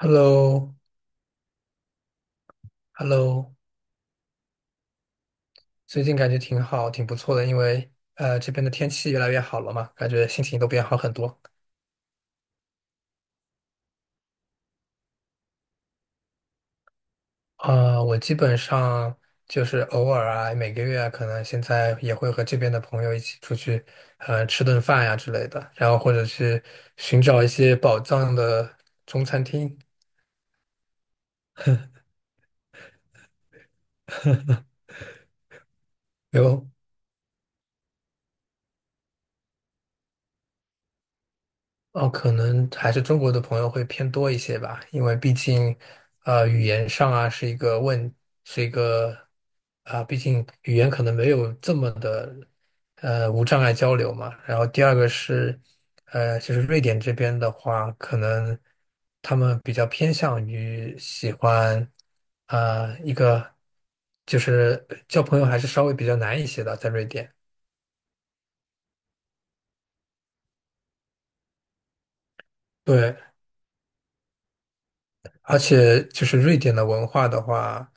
h e l l o Hello 最近感觉挺好，挺不错的，因为这边的天气越来越好了嘛，感觉心情都变好很多。啊、我基本上就是偶尔啊，每个月啊可能现在也会和这边的朋友一起出去，吃顿饭呀、之类的，然后或者去寻找一些宝藏的中餐厅。有哦，可能还是中国的朋友会偏多一些吧，因为毕竟，语言上啊是一个问，是一个啊，毕竟语言可能没有这么的，无障碍交流嘛。然后第二个是，就是瑞典这边的话，可能他们比较偏向于喜欢，啊，一个就是交朋友还是稍微比较难一些的，在瑞典。对。而且就是瑞典的文化的话，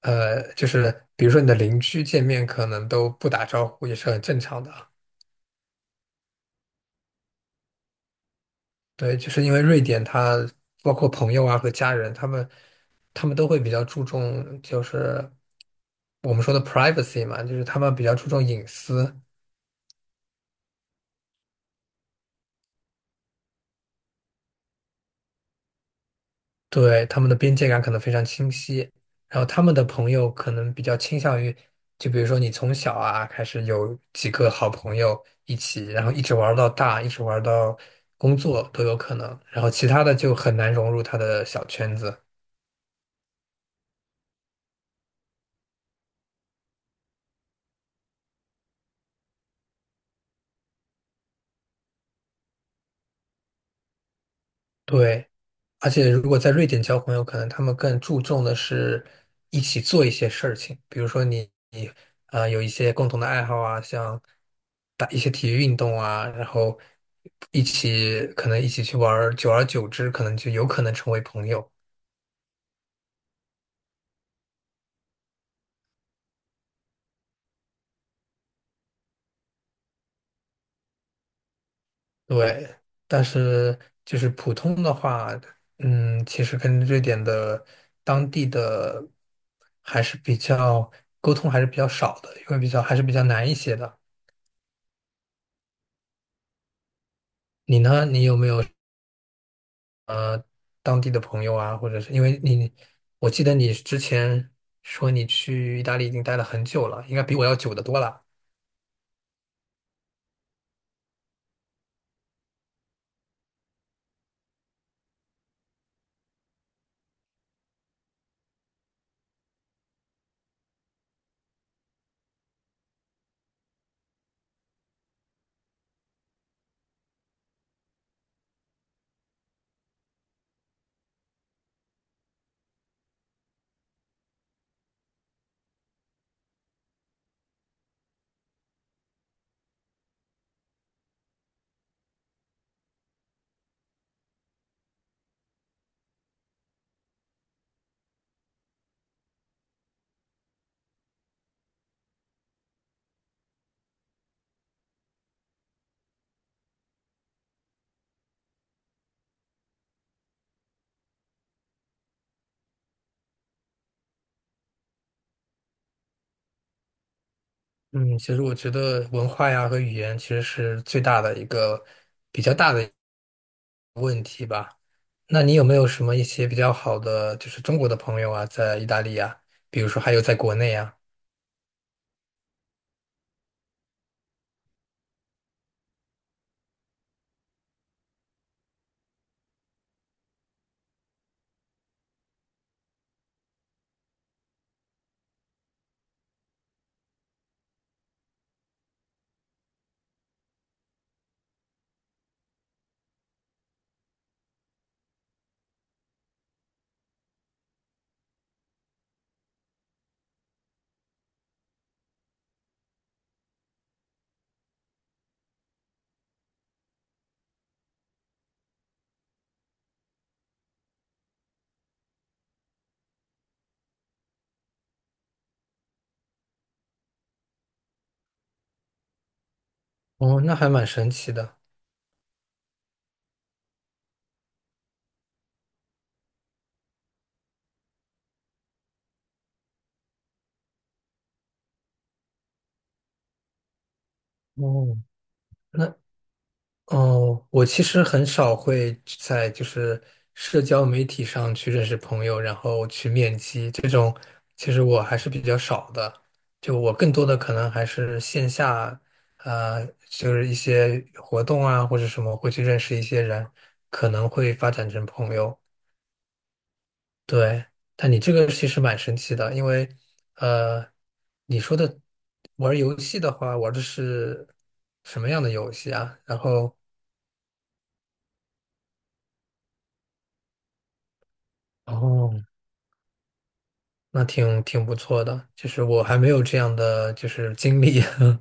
就是比如说你的邻居见面可能都不打招呼，也是很正常的啊。对，就是因为瑞典它包括朋友啊和家人，他们都会比较注重就是我们说的 privacy 嘛，就是他们比较注重隐私。对，他们的边界感可能非常清晰，然后他们的朋友可能比较倾向于，就比如说你从小啊开始有几个好朋友一起，然后一直玩儿到大，一直玩儿到工作都有可能，然后其他的就很难融入他的小圈子。对，而且如果在瑞典交朋友，可能他们更注重的是一起做一些事情，比如说你有一些共同的爱好啊，像打一些体育运动啊，然后一起可能一起去玩儿久而久之可能就有可能成为朋友。对，但是就是普通的话，嗯，其实跟瑞典的当地的还是比较沟通还是比较少的，因为还是比较难一些的。你呢？你有没有什么当地的朋友啊？或者是因为你，我记得你之前说你去意大利已经待了很久了，应该比我要久得多了。嗯，其实我觉得文化呀和语言其实是最大的一个比较大的。那你有没有什么一些比较好的，就是中国的朋友啊，在意大利啊，比如说还有在国内啊？哦，那还蛮神奇的。哦，那哦，我其实很少会在就是社交媒体上去认识朋友，然后去面基这种，其实我还是比较少的。就我更多的可能还是线下，就是一些活动啊或者什么会去认识一些人，可能会发展成朋友。对，但你这个其实蛮神奇的，因为呃，你说的玩儿游戏的话，玩儿的是什么样的游戏啊？然后。哦，那挺不错的，就是我还没有这样的就是经历，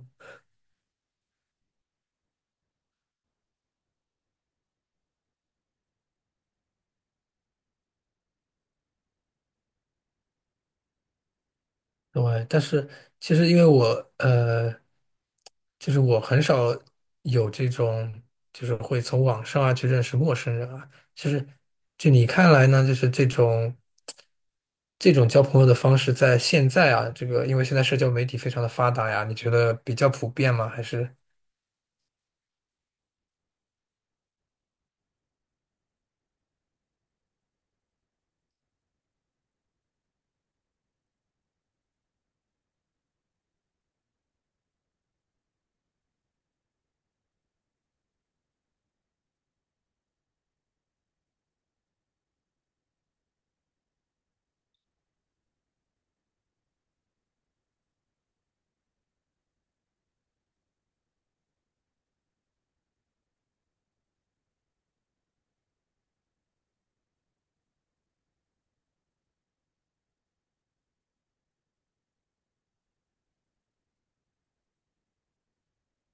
对，但是其实因为我呃，就是我很少有这种，就是会从网上啊去认识陌生人啊，就是就你看来呢，就是这种交朋友的方式，在现在啊，这个因为现在社交媒体非常的发达呀，你觉得比较普遍吗？还是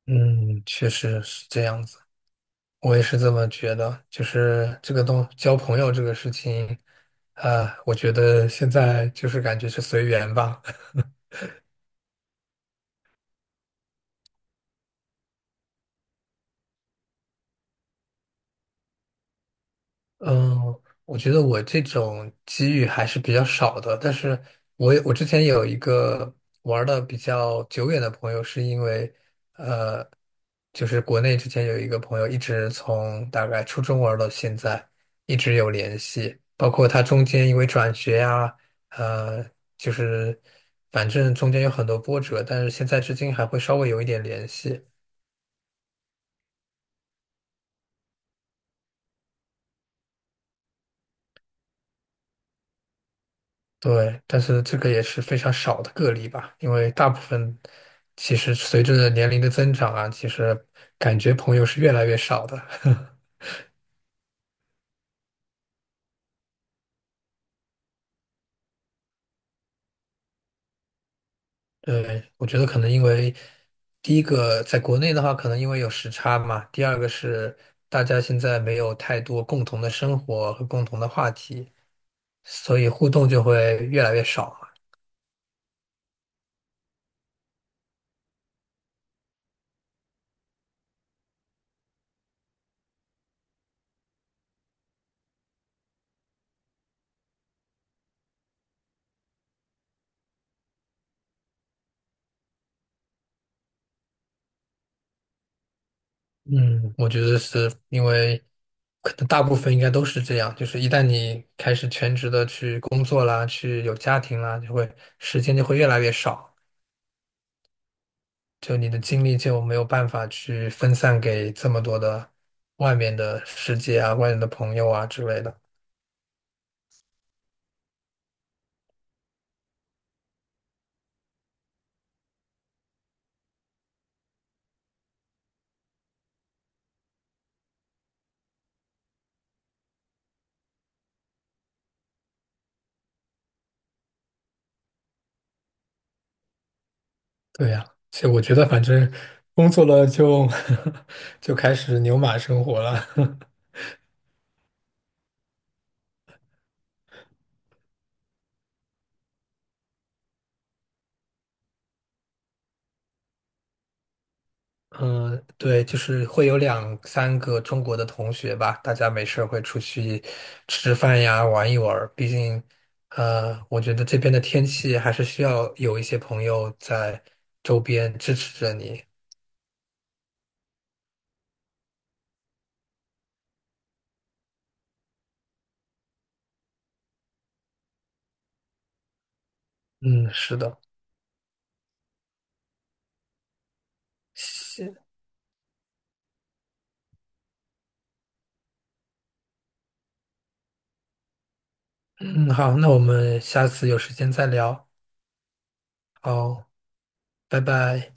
嗯，确实是这样子。我也是这么觉得，就是这个东交朋友这个事情，啊、我觉得现在就是感觉是随缘吧。嗯，我觉得我这种机遇还是比较少的，但是我之前有一个玩的比较久远的朋友，是因为就是国内之前有一个朋友，一直从大概初中玩到现在，一直有联系。包括他中间因为转学呀、呃，就是反正中间有很多波折，但是现在至今还会稍微有一点联系。对，但是这个也是非常少的个例吧，因为大部分其实随着年龄的增长啊，其实感觉朋友是越来越少的。对，我觉得可能因为第一个在国内的话，可能因为有时差嘛；第二个是大家现在没有太多共同的生活和共同的话题，所以互动就会越来越少嘛。嗯，我觉得是因为可能大部分应该都是这样，就是一旦你开始全职的去工作啦，去有家庭啦，就会时间就会越来越少，就你的精力就没有办法去分散给这么多的外面的世界啊、外面的朋友啊之类的。对呀，其实我觉得反正工作了就 就开始牛马生活了。嗯，对，就是会有两三个中国的同学吧，大家没事儿会出去吃吃饭呀，玩一玩儿。毕竟，我觉得这边的天气还是需要有一些朋友在周边支持着你。嗯，是的。行，嗯，好，那我们下次有时间再聊。好，拜拜。